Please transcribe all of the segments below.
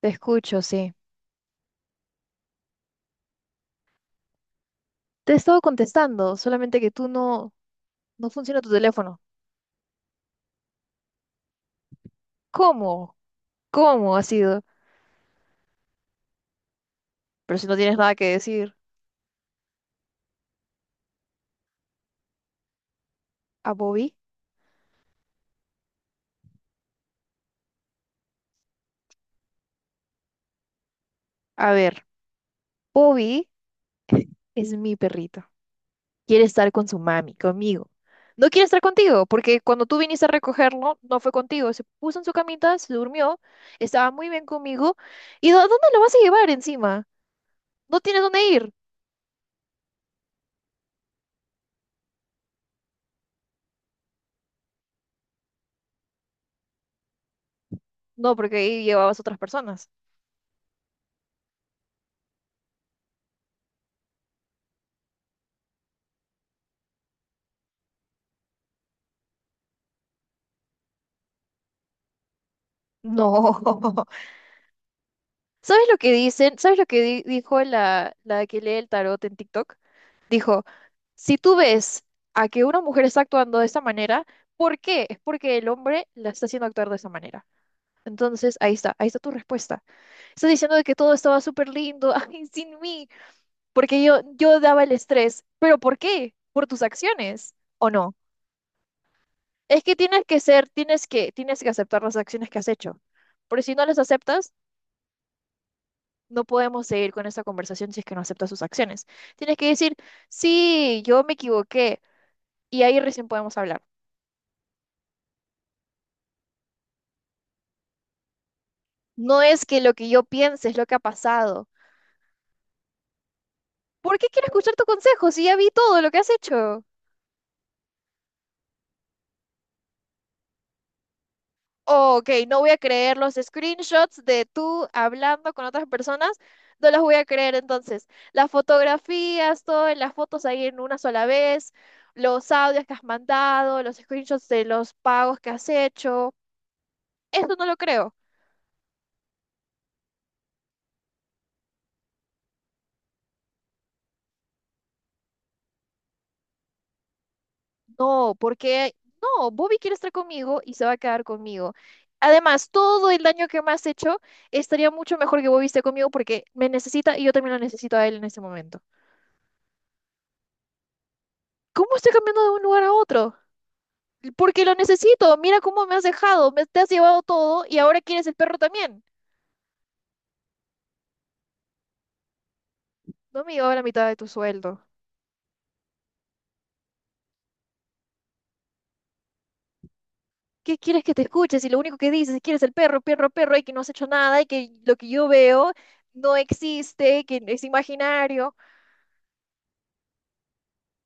Te escucho, sí. Te he estado contestando, solamente que tú no, no funciona tu teléfono. ¿Cómo? ¿Cómo ha sido? Pero si no tienes nada que decir a Bobby, a ver, Bobby es mi perrito. Quiere estar con su mami, conmigo. No quiere estar contigo, porque cuando tú viniste a recogerlo, no fue contigo. Se puso en su camita, se durmió, estaba muy bien conmigo. ¿Y dónde lo vas a llevar encima? ¿No tienes dónde ir? No, porque ahí llevabas otras personas. No. ¿Sabes lo que dicen? ¿Sabes lo que dijo la que lee el tarot en TikTok? Dijo, si tú ves a que una mujer está actuando de esta manera, ¿por qué? Es porque el hombre la está haciendo actuar de esa manera. Entonces, ahí está tu respuesta. Estás diciendo de que todo estaba súper lindo, ay, sin mí, porque yo daba el estrés. ¿Pero por qué? ¿Por tus acciones? ¿O no? Es que tienes que ser, tienes que aceptar las acciones que has hecho. Porque si no las aceptas, no podemos seguir con esta conversación si es que no aceptas sus acciones. Tienes que decir, sí, yo me equivoqué y ahí recién podemos hablar. No es que lo que yo piense es lo que ha pasado. ¿Por qué quiero escuchar tu consejo si ya vi todo lo que has hecho? Oh, ok, no voy a creer los screenshots de tú hablando con otras personas. No las voy a creer entonces. Las fotografías, todas las fotos ahí en una sola vez, los audios que has mandado, los screenshots de los pagos que has hecho. Esto no lo creo. No, porque no, Bobby quiere estar conmigo y se va a quedar conmigo. Además, todo el daño que me has hecho estaría mucho mejor que Bobby esté conmigo porque me necesita y yo también lo necesito a él en este momento. ¿Cómo estoy cambiando de un lugar a otro? Porque lo necesito. Mira cómo me has dejado, me te has llevado todo y ahora quieres el perro también. No me llevaba la mitad de tu sueldo. ¿Qué quieres que te escuches? Y lo único que dices es que quieres el perro, perro, perro y que no has hecho nada y que lo que yo veo no existe, que es imaginario.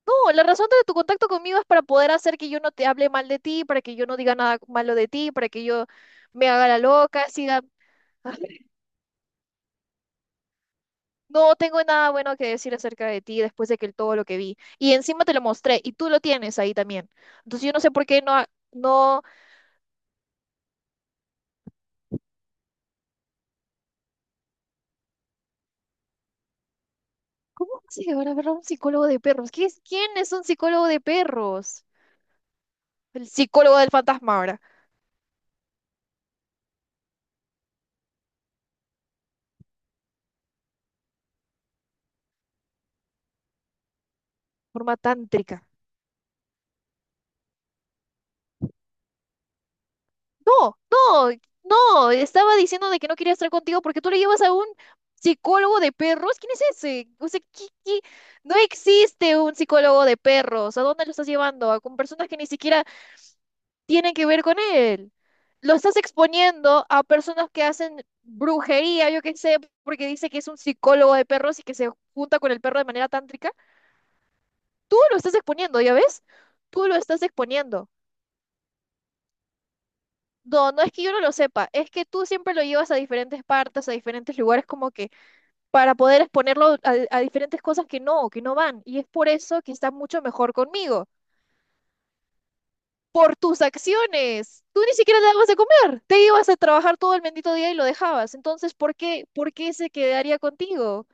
No, la razón de tu contacto conmigo es para poder hacer que yo no te hable mal de ti, para que yo no diga nada malo de ti, para que yo me haga la loca, siga... No tengo nada bueno que decir acerca de ti después de que todo lo que vi. Y encima te lo mostré y tú lo tienes ahí también. Entonces yo no sé por qué no... No, ¿cómo se van a ver a un psicólogo de perros? ¿Qué ¿Quién es un psicólogo de perros? El psicólogo del fantasma ahora, forma tántrica. No, no, no, estaba diciendo de que no quería estar contigo porque tú le llevas a un psicólogo de perros. ¿Quién es ese? O sea, ¿qué? No existe un psicólogo de perros. ¿A dónde lo estás llevando? A con personas que ni siquiera tienen que ver con él. Lo estás exponiendo a personas que hacen brujería, yo qué sé, porque dice que es un psicólogo de perros y que se junta con el perro de manera tántrica. Tú lo estás exponiendo, ¿ya ves? Tú lo estás exponiendo. No, no es que yo no lo sepa, es que tú siempre lo llevas a diferentes partes, a diferentes lugares, como que para poder exponerlo a diferentes cosas que no van. Y es por eso que estás mucho mejor conmigo, por tus acciones. Tú ni siquiera te dabas de comer, te ibas a trabajar todo el bendito día y lo dejabas. Entonces, por qué se quedaría contigo?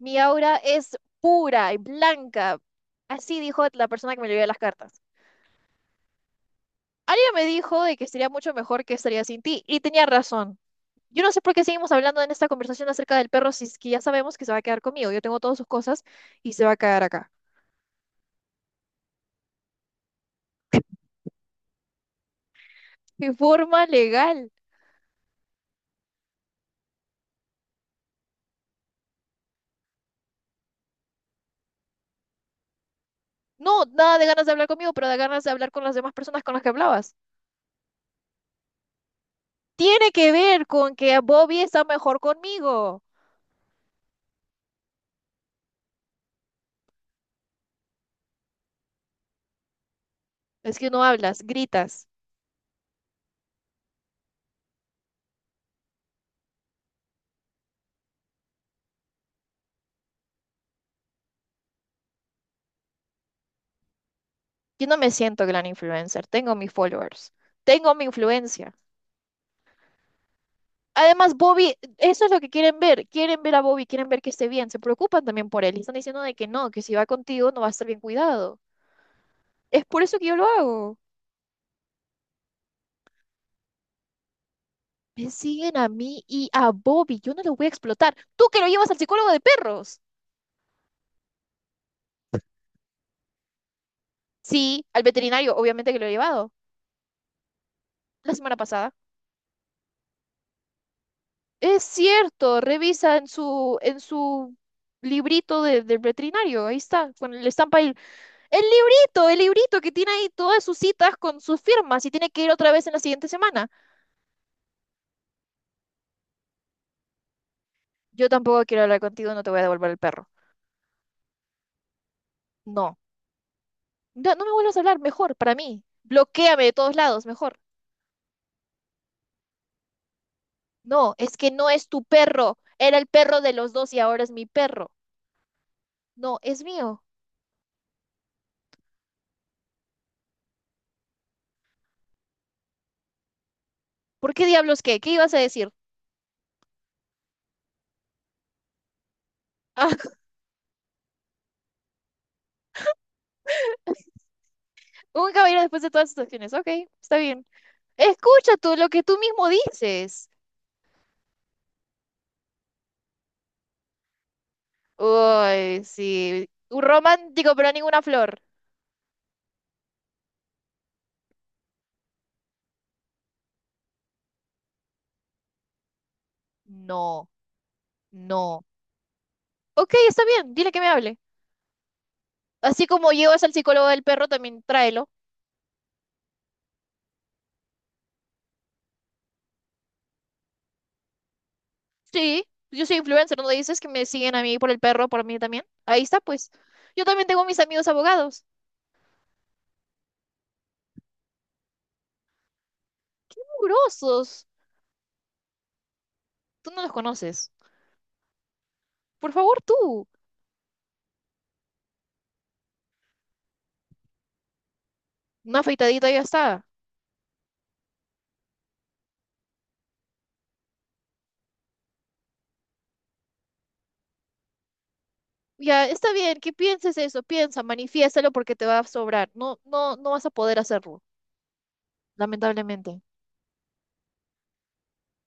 Mi aura es pura y blanca. Así dijo la persona que me leyó las cartas. Alguien me dijo de que sería mucho mejor que estaría sin ti, y tenía razón. Yo no sé por qué seguimos hablando en esta conversación acerca del perro si es que ya sabemos que se va a quedar conmigo. Yo tengo todas sus cosas y se va a quedar acá. De forma legal. No, nada de ganas de hablar conmigo, pero de ganas de hablar con las demás personas con las que hablabas. Tiene que ver con que Bobby está mejor conmigo. Es que no hablas, gritas. Yo no me siento gran influencer. Tengo mis followers. Tengo mi influencia. Además, Bobby, eso es lo que quieren ver. Quieren ver a Bobby, quieren ver que esté bien. Se preocupan también por él. Y están diciendo de que no, que si va contigo no va a estar bien cuidado. Es por eso que yo lo hago. Me siguen a mí y a Bobby. Yo no lo voy a explotar. Tú que lo llevas al psicólogo de perros. Sí, al veterinario, obviamente que lo he llevado. La semana pasada. Es cierto, revisa en su librito del veterinario. Ahí está, con el estampa ahí. El librito que tiene ahí todas sus citas con sus firmas y tiene que ir otra vez en la siguiente semana. Yo tampoco quiero hablar contigo, no te voy a devolver el perro. No. No, no me vuelvas a hablar, mejor, para mí. Bloquéame de todos lados, mejor. No, es que no es tu perro. Era el perro de los dos y ahora es mi perro. No, es mío. ¿Por qué diablos qué? ¿Qué ibas a decir? Ah, un caballero después de todas estas acciones. Ok, está bien. Escucha tú lo que tú mismo dices. Uy, sí. Un romántico, pero ninguna flor. No, no. Ok, está bien. Dile que me hable. Así como llevas al psicólogo del perro, también tráelo. Sí, yo soy influencer, ¿no dices que me siguen a mí por el perro, por mí también? Ahí está, pues. Yo también tengo mis amigos abogados. Grosos. Tú no los conoces. Por favor, tú. Una afeitadita y ya está. Ya, está bien, que pienses eso, piensa, manifiéstalo porque te va a sobrar. No vas a poder hacerlo, lamentablemente.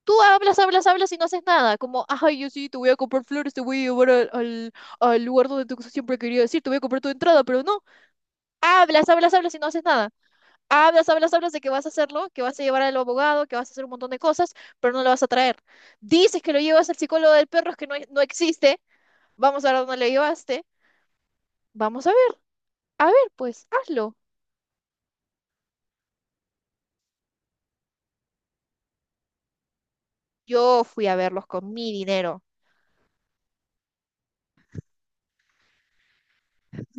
Tú hablas, hablas, hablas y no haces nada. Como, ay, yo sí, te voy a comprar flores, te voy a llevar al, al lugar donde tú siempre quería decir, te voy a comprar tu entrada, pero no. Hablas, hablas, hablas y no haces nada. Hablas, hablas, hablas de que vas a hacerlo, que vas a llevar al abogado, que vas a hacer un montón de cosas, pero no lo vas a traer. Dices que lo llevas al psicólogo del perro, es que no, no existe, vamos a ver dónde le llevaste. Vamos a ver, pues hazlo. Yo fui a verlos con mi dinero.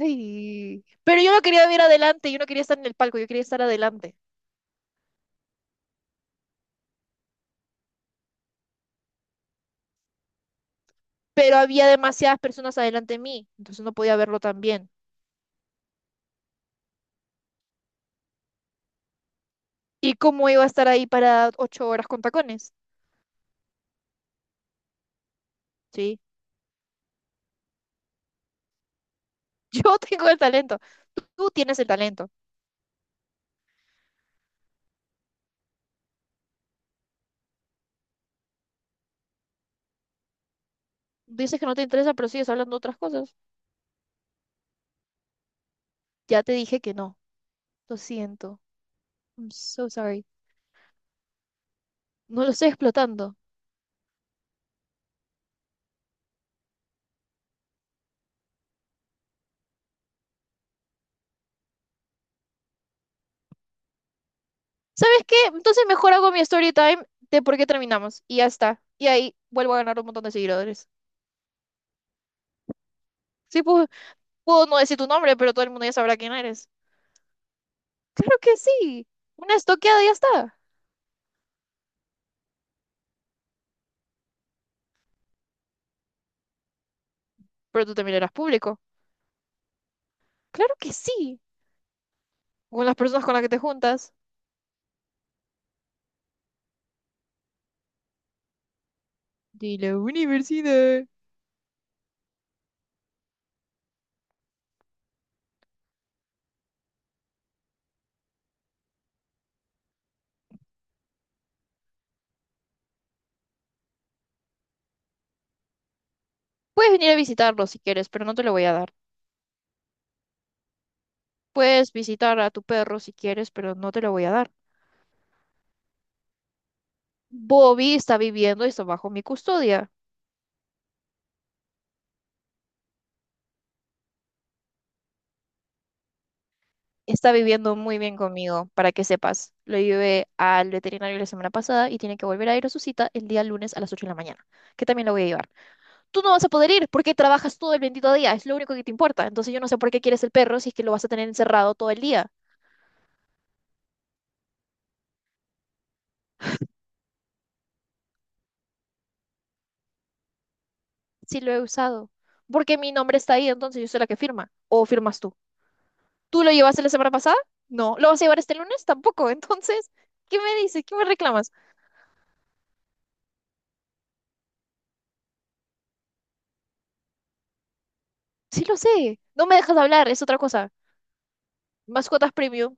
Ay, pero yo no quería ver adelante, yo no quería estar en el palco, yo quería estar adelante. Pero había demasiadas personas adelante de mí, entonces no podía verlo tan bien. ¿Y cómo iba a estar ahí para 8 horas con tacones? Sí, yo tengo el talento. Tú tienes el talento. Dices que no te interesa, pero sigues hablando de otras cosas. Ya te dije que no. Lo siento. I'm so sorry. No lo estoy explotando. ¿Sabes qué? Entonces mejor hago mi story time de por qué terminamos. Y ya está. Y ahí vuelvo a ganar un montón de seguidores. Sí, puedo, puedo no decir tu nombre, pero todo el mundo ya sabrá quién eres. Claro que sí. Una estoqueada y ya está. Pero tú también eras público. Claro que sí. Con las personas con las que te juntas. De la universidad. Puedes venir a visitarlo si quieres, pero no te lo voy a dar. Puedes visitar a tu perro si quieres, pero no te lo voy a dar. Bobby está viviendo y está bajo mi custodia. Está viviendo muy bien conmigo, para que sepas. Lo llevé al veterinario la semana pasada y tiene que volver a ir a su cita el día lunes a las 8 de la mañana, que también la voy a llevar. Tú no vas a poder ir porque trabajas todo el bendito día, es lo único que te importa. Entonces yo no sé por qué quieres el perro si es que lo vas a tener encerrado todo el día. Si lo he usado. Porque mi nombre está ahí, entonces yo soy la que firma. ¿O firmas tú? ¿Tú lo llevaste la semana pasada? No. ¿Lo vas a llevar este lunes? Tampoco. Entonces, ¿qué me dices? ¿Qué me reclamas? Sí lo sé. No me dejas hablar, es otra cosa. Mascotas Premium.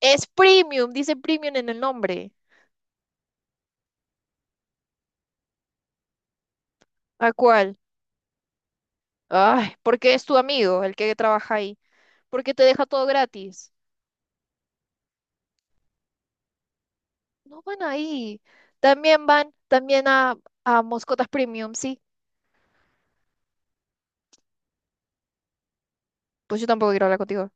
Es premium, dice premium en el nombre. ¿A cuál? Ay, porque es tu amigo el que trabaja ahí. Porque te deja todo gratis. No van ahí. También van, a Moscotas Premium, sí. Pues yo tampoco quiero hablar contigo.